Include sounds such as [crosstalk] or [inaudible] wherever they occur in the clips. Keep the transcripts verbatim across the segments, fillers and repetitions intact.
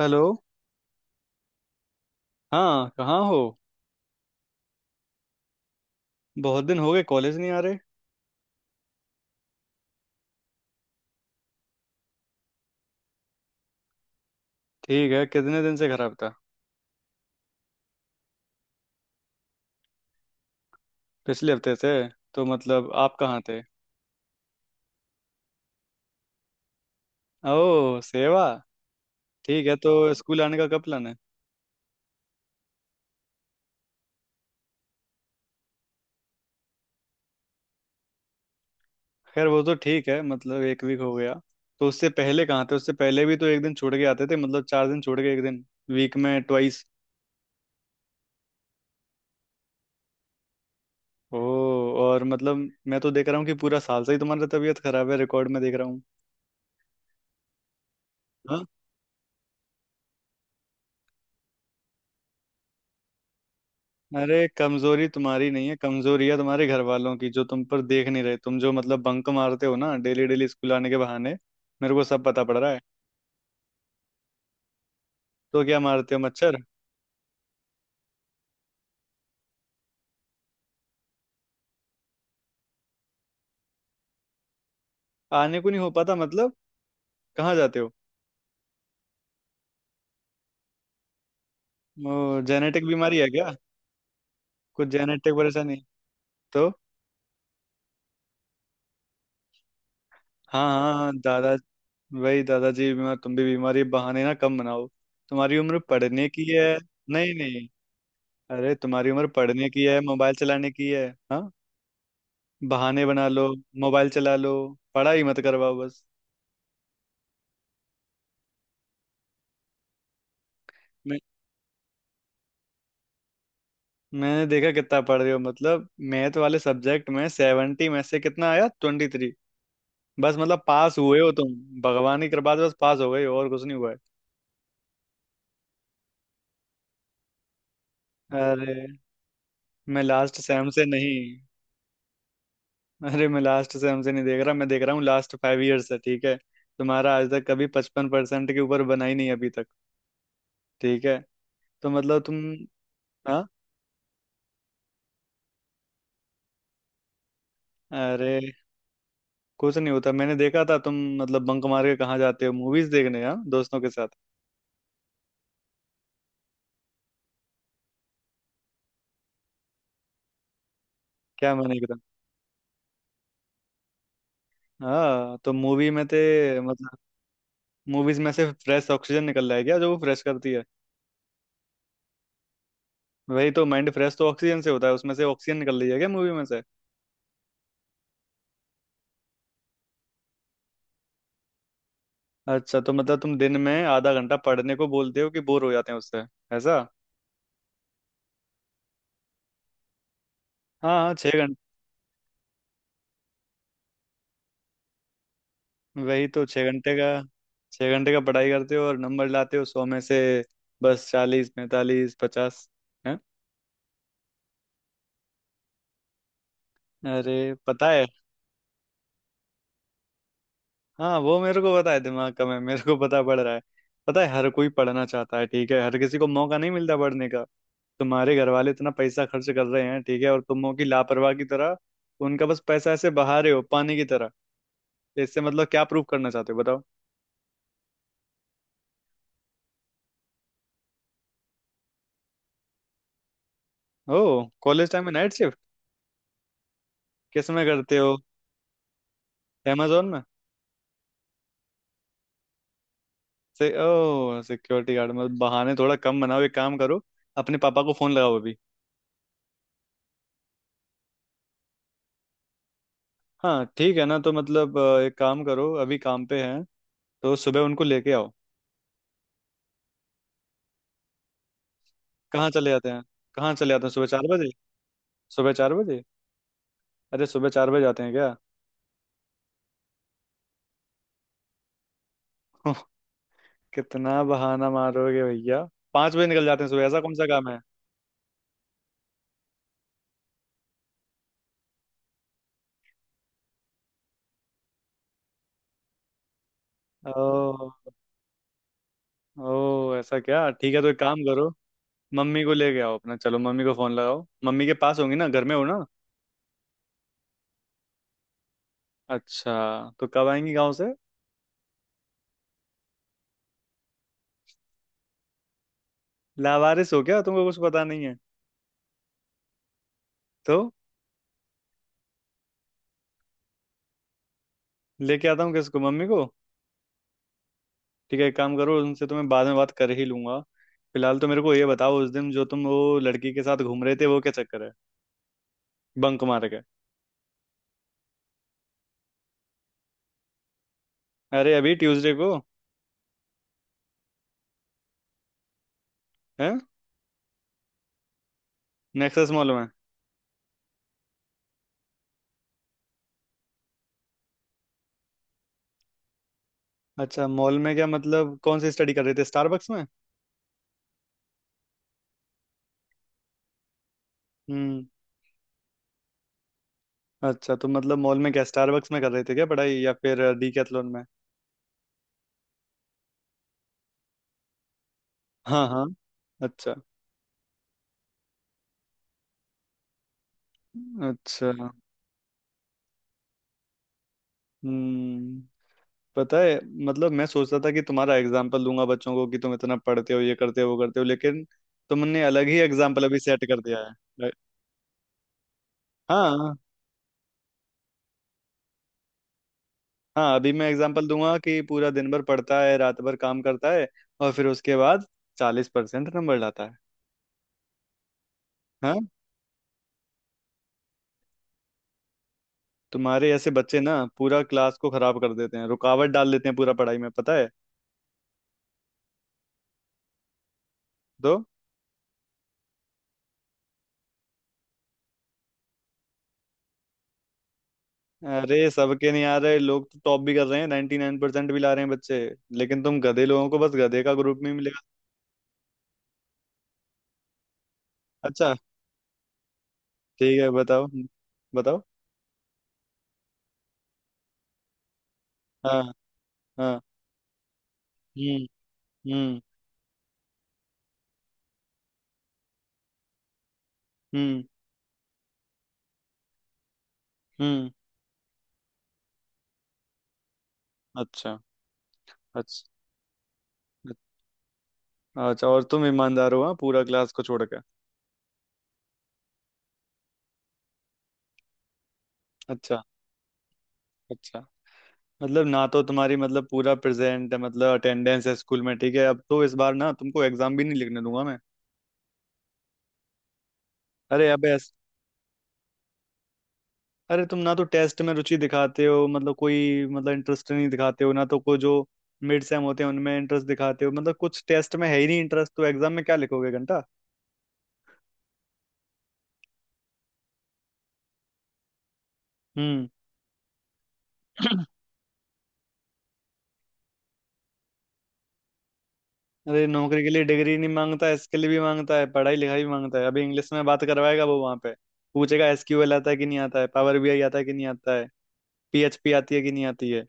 Hello. हाँ, कहाँ हो? बहुत दिन हो गए, कॉलेज नहीं आ रहे। ठीक है, कितने दिन से खराब था? पिछले हफ्ते से? तो मतलब आप कहाँ थे? ओह, सेवा। ठीक है, तो स्कूल आने का कब प्लान है? खैर, वो तो ठीक है, मतलब एक वीक हो गया। तो उससे पहले कहाँ थे? उससे पहले भी तो एक दिन छोड़ के आते थे, मतलब चार दिन छोड़ के एक दिन, वीक में ट्वाइस। ओह, और मतलब मैं तो देख रहा हूँ कि पूरा साल से ही तुम्हारी तबीयत खराब है, रिकॉर्ड में देख रहा हूँ। हाँ? अरे कमजोरी तुम्हारी नहीं है, कमजोरी है तुम्हारे घर वालों की जो तुम पर देख नहीं रहे। तुम जो मतलब बंक मारते हो ना डेली डेली स्कूल आने के बहाने, मेरे को सब पता पड़ रहा है। तो क्या मारते हो, मच्छर? आने को नहीं हो पाता मतलब? कहाँ जाते हो? ओ, जेनेटिक बीमारी है क्या? कुछ जेनेटिक परेशानी? तो हाँ हाँ हाँ, दादा। वही, दादाजी भी बीमार, तुम भी बीमारी बहाने ना कम बनाओ, तुम्हारी उम्र पढ़ने की है। नहीं नहीं, अरे तुम्हारी उम्र पढ़ने की है, मोबाइल चलाने की है। हाँ, बहाने बना लो, मोबाइल चला लो, पढ़ाई ही मत करवाओ बस। मैं मैंने देखा कितना पढ़ रहे हो, मतलब मैथ वाले सब्जेक्ट में सेवेंटी में से कितना आया, ट्वेंटी थ्री। बस मतलब पास हुए हो तुम, भगवान की कृपा से बस पास हो गए हो और कुछ नहीं हुआ है। अरे मैं लास्ट सेम से नहीं अरे, मैं लास्ट सेम से नहीं देख रहा, मैं देख रहा हूँ लास्ट फाइव ईयर्स से। ठीक है, तुम्हारा आज तक कभी पचपन परसेंट के ऊपर बना ही नहीं अभी तक। ठीक है, तो मतलब तुम। हाँ, अरे कुछ नहीं होता, मैंने देखा था, तुम मतलब बंक मार के कहाँ जाते हो, मूवीज देखने हाँ दोस्तों के साथ। क्या, मैंने एकदम। हाँ तो मूवी में थे मतलब? मूवीज में से फ्रेश ऑक्सीजन निकल रहा है क्या जो वो फ्रेश करती है? वही तो, माइंड फ्रेश तो ऑक्सीजन से होता है, उसमें से ऑक्सीजन निकल रही है क्या मूवी में से? अच्छा, तो मतलब तुम दिन में आधा घंटा पढ़ने को बोलते हो कि बोर हो जाते हैं उससे? ऐसा? हाँ हाँ, छः घंटे। वही तो, छः घंटे का। छः घंटे का पढ़ाई करते हो और नंबर लाते हो सौ में से बस चालीस पैंतालीस पचास, है। अरे पता है। हाँ वो मेरे को पता है, दिमाग कम है मेरे को पता पड़ रहा है। पता है, हर कोई पढ़ना चाहता है, ठीक है, हर किसी को मौका नहीं मिलता पढ़ने का। तुम्हारे घर वाले इतना पैसा खर्च कर रहे हैं ठीक है, और तुम हो कि लापरवाह की तरह उनका बस पैसा ऐसे बहा रहे हो पानी की तरह। तो इससे मतलब क्या प्रूव करना चाहते हो, बताओ? ओ कॉलेज टाइम में नाइट शिफ्ट? किस में करते हो? अमेजोन में? से ओ सिक्योरिटी गार्ड, मतलब बहाने थोड़ा कम बनाओ। एक काम करो, अपने पापा को फोन लगाओ अभी। हाँ ठीक है, ना तो मतलब अ, एक काम करो, अभी काम पे हैं तो सुबह उनको लेके आओ। कहाँ चले जाते हैं? कहाँ चले जाते हैं, सुबह चार बजे? सुबह चार बजे? अरे सुबह चार बजे जाते हैं क्या? [laughs] कितना बहाना मारोगे भैया, पाँच बजे निकल जाते हैं सुबह, ऐसा कौन सा काम है? ओ, ओ ऐसा क्या? ठीक है, तो एक काम करो, मम्मी को ले के आओ अपना, चलो मम्मी को फोन लगाओ, मम्मी के पास होंगी ना, घर में हो ना। अच्छा, तो कब आएंगी गाँव से? लावारिस हो क्या, तुमको कुछ पता नहीं है? तो लेके आता हूँ किसको, मम्मी को? ठीक है, एक काम करो, उनसे तो मैं बाद में बात कर ही लूंगा। फिलहाल तो मेरे को ये बताओ, उस दिन जो तुम वो लड़की के साथ घूम रहे थे वो क्या चक्कर है, बंक मार के? अरे अभी ट्यूसडे को, है, नेक्सस मॉल में। अच्छा मॉल में क्या, मतलब कौन सी स्टडी कर रहे थे, स्टारबक्स में? हम्म। अच्छा, तो मतलब मॉल में क्या स्टारबक्स में कर रहे थे क्या पढ़ाई, या फिर डीकैथलॉन में? हाँ हाँ। अच्छा। अच्छा। हम्म, पता है। मतलब मैं सोचता था कि तुम्हारा एग्जाम्पल दूंगा बच्चों को कि तुम इतना पढ़ते हो, ये करते हो, वो करते हो, लेकिन तुमने अलग ही एग्जाम्पल अभी सेट कर दिया। है। हाँ हाँ। हाँ अभी मैं एग्जांपल दूंगा कि पूरा दिन भर पढ़ता है, रात भर काम करता है, और फिर उसके बाद चालीस परसेंट नंबर लाता है। हाँ। तुम्हारे ऐसे बच्चे ना पूरा क्लास को खराब कर देते हैं, रुकावट डाल देते हैं पूरा पढ़ाई में, पता है? तो अरे सबके नहीं आ रहे, लोग तो टॉप भी कर रहे हैं, नाइन्टी नाइन परसेंट भी ला रहे हैं बच्चे। लेकिन तुम गधे लोगों को बस गधे का ग्रुप में मिलेगा। अच्छा, ठीक है बताओ, बताओ। हाँ। हाँ। हम्म। हम्म। हम्म। हम्म। अच्छा। अच्छा। अच्छा और तुम ईमानदार हो हाँ, पूरा क्लास को छोड़ के? अच्छा। अच्छा, मतलब ना तो तुम्हारी मतलब पूरा प्रेजेंट है मतलब अटेंडेंस है स्कूल में, ठीक है, अब तो इस बार ना तुमको एग्जाम भी नहीं लिखने दूंगा मैं। अरे अब ऐस अरे तुम ना तो टेस्ट में रुचि दिखाते हो, मतलब कोई मतलब इंटरेस्ट नहीं दिखाते हो, ना तो कोई जो मिड सेम होते हैं उनमें इंटरेस्ट दिखाते हो, मतलब कुछ टेस्ट में है ही नहीं इंटरेस्ट, तो एग्जाम में क्या लिखोगे घंटा। हम्म। [clears throat] अरे नौकरी के लिए डिग्री नहीं मांगता, इसके लिए भी मांगता है, पढ़ाई लिखाई भी मांगता है। अभी इंग्लिश में बात करवाएगा वो वहां पे, पूछेगा एसक्यूएल आता है कि नहीं आता है, पावर बीआई आता है कि नहीं आता है, पीएचपी आती है कि नहीं आती है,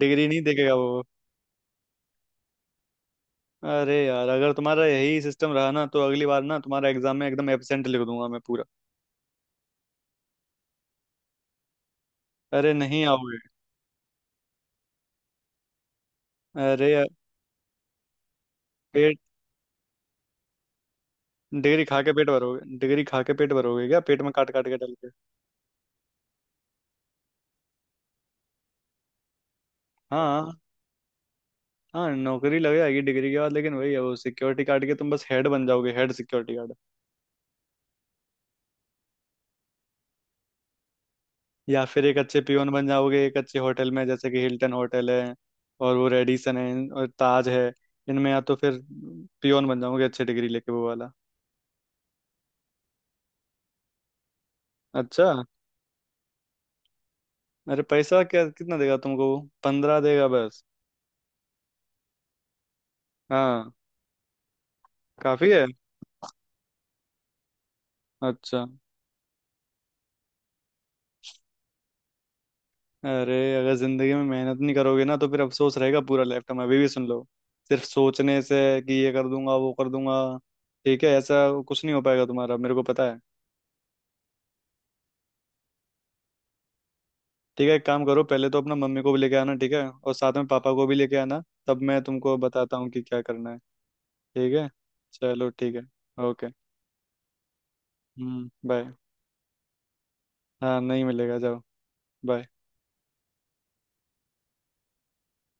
डिग्री नहीं देखेगा वो। अरे यार अगर तुम्हारा यही सिस्टम रहा ना तो अगली बार ना तुम्हारा एग्जाम में एकदम एब्सेंट लिख दूंगा मैं पूरा। अरे नहीं आओगे। अरे यार पेट, डिग्री खा के पेट भरोगे? डिग्री खा के पेट भरोगे क्या, पेट में काट काट के डाल के? हाँ, हाँ नौकरी लग जाएगी डिग्री के बाद, लेकिन वही है, वो सिक्योरिटी गार्ड के तुम बस हेड बन जाओगे, हेड सिक्योरिटी गार्ड। या फिर एक अच्छे पियोन बन जाओगे एक अच्छे होटल में, जैसे कि हिल्टन होटल है, और वो रेडिसन है, और ताज है, इनमें या तो फिर पियोन बन जाओगे अच्छे, डिग्री लेके वो वाला। अच्छा। अरे पैसा क्या कितना देगा तुमको वो, पंद्रह देगा बस। हाँ। काफी है। अच्छा। अरे अगर जिंदगी में मेहनत नहीं करोगे ना तो फिर अफसोस रहेगा पूरा लाइफ टाइम, अभी भी सुन लो। सिर्फ सोचने से कि ये कर दूंगा वो कर दूंगा, ठीक है ऐसा कुछ नहीं हो पाएगा तुम्हारा, मेरे को पता है। ठीक है, एक काम करो, पहले तो अपना मम्मी को भी लेके आना ठीक है, और साथ में पापा को भी लेके आना, तब मैं तुमको बताता हूँ कि क्या करना है। ठीक है। चलो ठीक है। ओके। Hmm, bye. हाँ नहीं मिलेगा, जाओ। बाय।